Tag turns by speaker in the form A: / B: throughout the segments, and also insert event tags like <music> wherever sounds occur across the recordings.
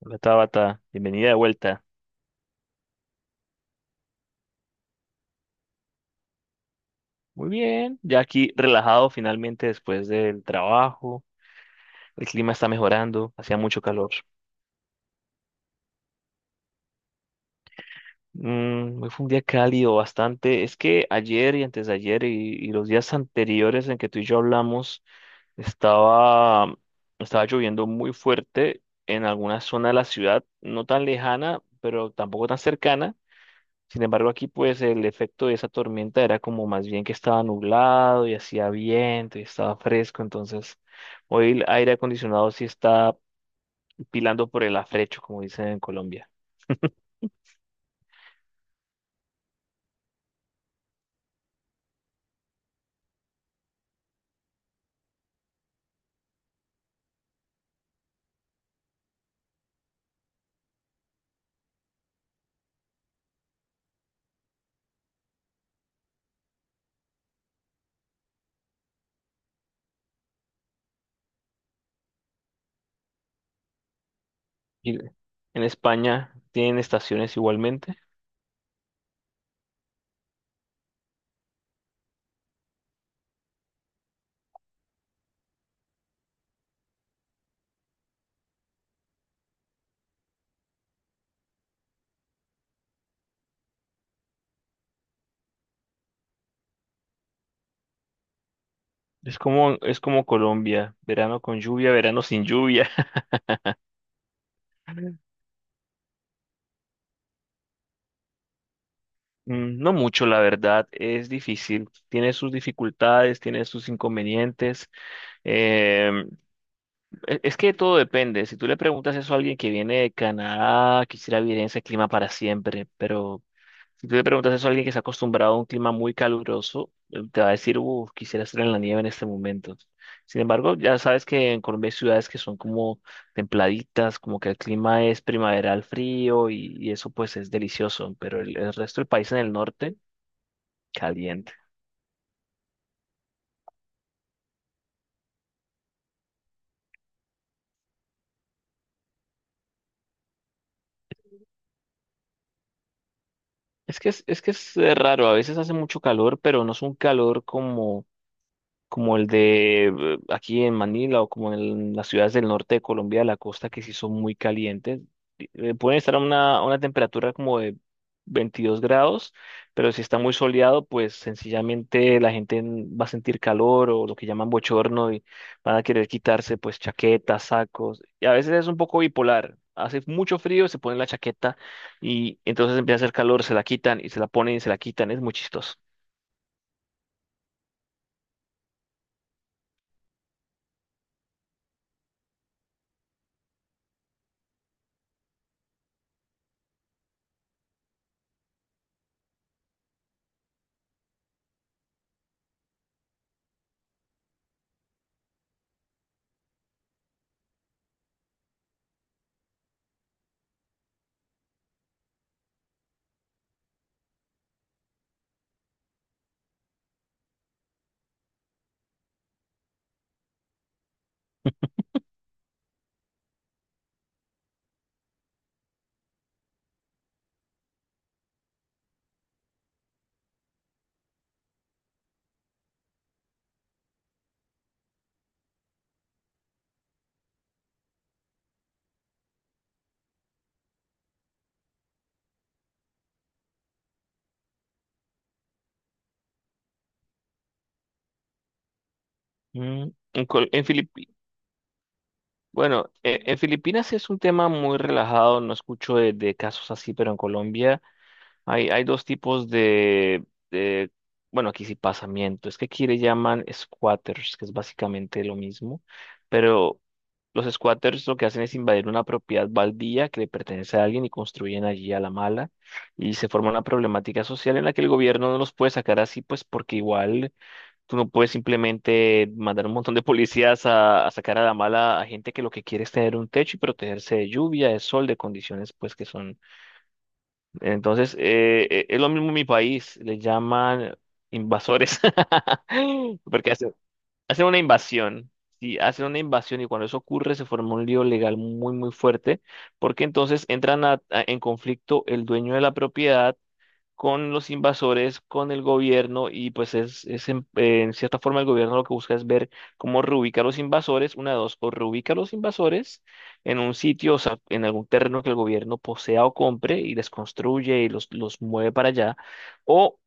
A: Hola Tabata, bienvenida de vuelta. Muy bien, ya aquí relajado finalmente después del trabajo. El clima está mejorando, hacía mucho calor. Mm, hoy fue un día cálido bastante. Es que ayer y antes de ayer y los días anteriores en que tú y yo hablamos, estaba, estaba lloviendo muy fuerte en alguna zona de la ciudad, no tan lejana, pero tampoco tan cercana. Sin embargo, aquí pues el efecto de esa tormenta era como más bien que estaba nublado y hacía viento y estaba fresco, entonces hoy el aire acondicionado sí está pilando por el afrecho, como dicen en Colombia. Y en España tienen estaciones igualmente. Es como Colombia, verano con lluvia, verano sin lluvia. <laughs> Mm, no mucho, la verdad, es difícil. Tiene sus dificultades, tiene sus inconvenientes. em, Es que todo depende. Si tú le preguntas eso a alguien que viene de Canadá, quisiera vivir en ese clima para siempre, pero si tú le preguntas eso a alguien que se ha acostumbrado a un clima muy caluroso, te va a decir, uff, quisiera estar en la nieve en este momento. Sin embargo, ya sabes que en Colombia hay ciudades que son como templaditas, como que el clima es primaveral frío y eso pues es delicioso, pero el resto del país en el norte, caliente. Es que es raro, a veces hace mucho calor, pero no es un calor como como el de aquí en Manila o como en las ciudades del norte de Colombia, la costa, que sí son muy calientes. Pueden estar a a una temperatura como de 22 grados, pero si está muy soleado, pues sencillamente la gente va a sentir calor o lo que llaman bochorno y van a querer quitarse pues chaquetas, sacos. Y a veces es un poco bipolar. Hace mucho frío, se ponen la chaqueta y entonces empieza a hacer calor, se la quitan y se la ponen y se la quitan. Es muy chistoso. Mm, en Filipinas. Bueno, en Filipinas sí es un tema muy relajado, no escucho de casos así, pero en Colombia hay dos tipos de, bueno, aquí sí pasamiento, es que aquí le llaman squatters, que es básicamente lo mismo, pero los squatters lo que hacen es invadir una propiedad baldía que le pertenece a alguien y construyen allí a la mala, y se forma una problemática social en la que el gobierno no los puede sacar así, pues porque igual... Tú no puedes simplemente mandar un montón de policías a sacar a la mala a gente que lo que quiere es tener un techo y protegerse de lluvia, de sol, de condiciones pues que son. Entonces, es lo mismo en mi país, le llaman invasores, <laughs> porque hacen, hacen una invasión. Sí, hacen una invasión y cuando eso ocurre se forma un lío legal muy, muy fuerte, porque entonces entran en conflicto el dueño de la propiedad con los invasores, con el gobierno, y pues es en cierta forma el gobierno lo que busca es ver cómo reubica a los invasores, una de dos, o reubica a los invasores en un sitio, o sea, en algún terreno que el gobierno posea o compre y les construye y los mueve para allá, o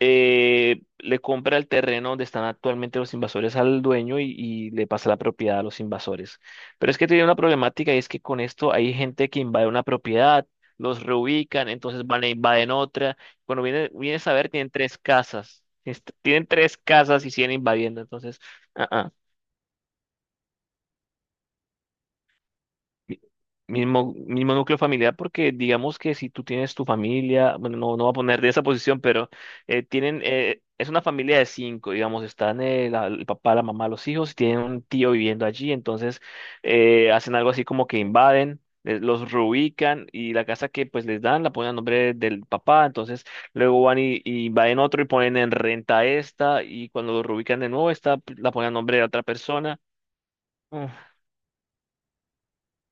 A: le compra el terreno donde están actualmente los invasores al dueño y le pasa la propiedad a los invasores. Pero es que tiene una problemática y es que con esto hay gente que invade una propiedad, los reubican, entonces van e invaden otra. Cuando viene, vienes a ver, tienen tres casas. Tienen tres casas y siguen invadiendo. Entonces, ah, ah. mi- Mismo, mismo núcleo familiar, porque digamos que si tú tienes tu familia, bueno, no voy a poner de esa posición, pero es una familia de 5, digamos, están el papá, la mamá, los hijos, y tienen un tío viviendo allí, entonces hacen algo así como que invaden, los reubican y la casa que pues les dan la ponen a nombre del papá, entonces luego van y invaden otro y ponen en renta esta, y cuando lo reubican de nuevo, esta pues, la ponen a nombre de otra persona. Uf,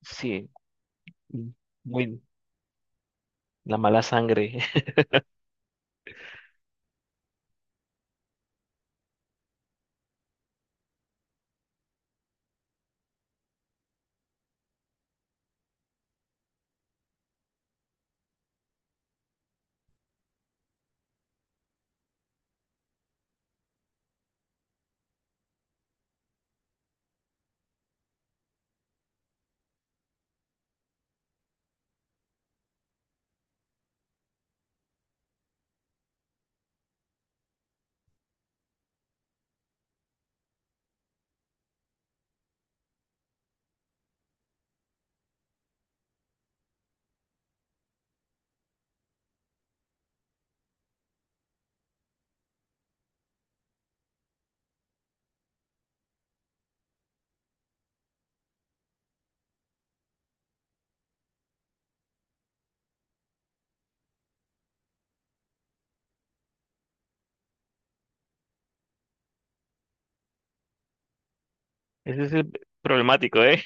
A: sí, muy, La mala sangre. <laughs> Ese es el problemático, ¿eh?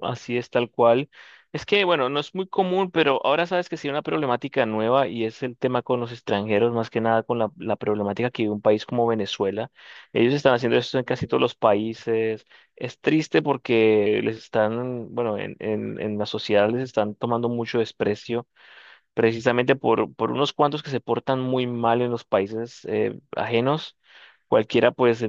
A: Así es, tal cual. Es que, bueno, no es muy común, pero ahora sabes que sí hay una problemática nueva y es el tema con los extranjeros, más que nada con la problemática que vive un país como Venezuela. Ellos están haciendo esto en casi todos los países. Es triste porque les están, bueno, en la sociedad les están tomando mucho desprecio, precisamente por unos cuantos que se portan muy mal en los países ajenos. Cualquiera, pues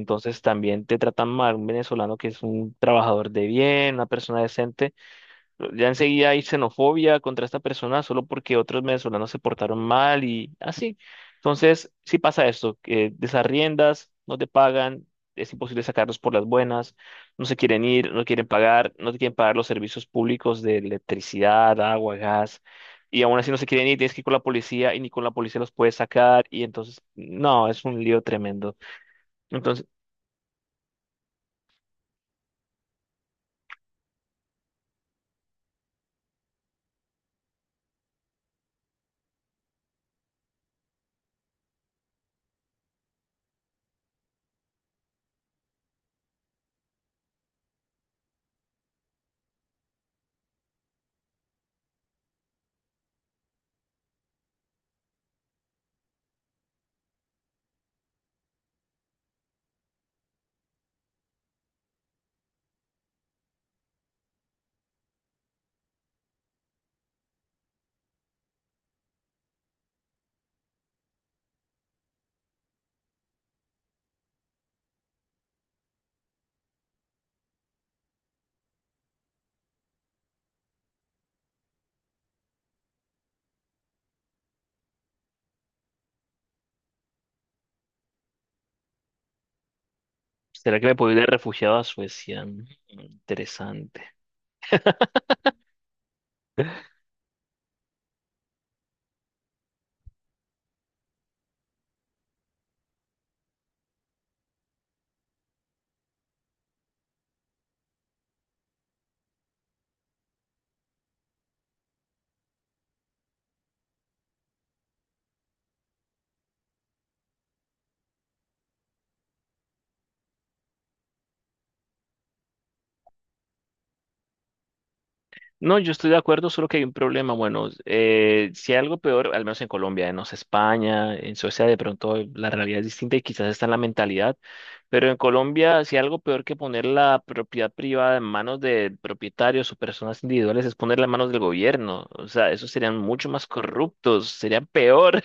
A: ya enseguida hay xenofobia contra esta persona solo porque otros venezolanos se portaron mal y así. Entonces, sí pasa esto, que desarriendas, no te pagan, es imposible sacarlos por las buenas, no se quieren ir, no quieren pagar, no te quieren pagar los servicios públicos de electricidad, agua, gas, y aún así no se quieren ir, tienes que ir con la policía y ni con la policía los puedes sacar, y entonces, no, es un lío tremendo. Entonces, ¿será que me puedo ir de refugiado a Suecia? Mm, interesante. <laughs> No, yo estoy de acuerdo, solo que hay un problema. Bueno, si hay algo peor, al menos en Colombia, no sé, España, en Suecia de pronto la realidad es distinta y quizás está en la mentalidad, pero en Colombia si hay algo peor que poner la propiedad privada en manos de propietarios o personas individuales es ponerla en manos del gobierno. O sea, esos serían mucho más corruptos, serían peor.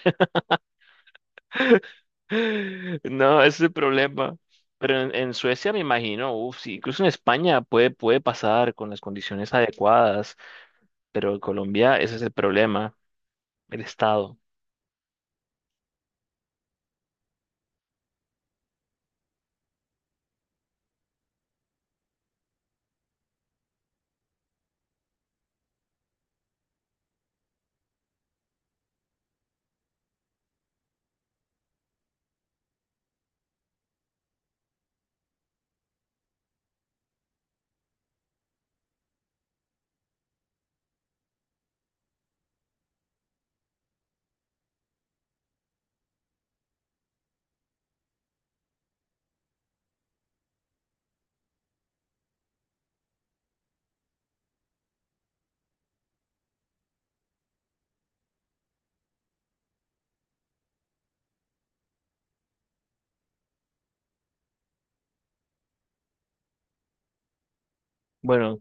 A: <laughs> No, ese es el problema. Pero en Suecia me imagino, uf, sí, incluso en España puede, puede pasar con las condiciones adecuadas. Pero en Colombia ese es el problema, el Estado. Bueno,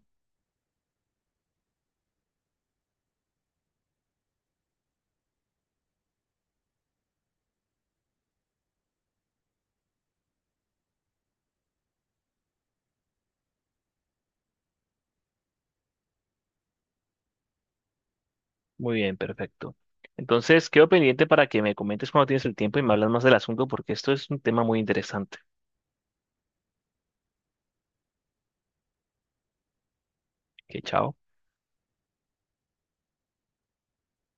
A: muy bien, perfecto. Entonces, quedo pendiente para que me comentes cuando tienes el tiempo y me hablas más del asunto porque esto es un tema muy interesante. Que chao.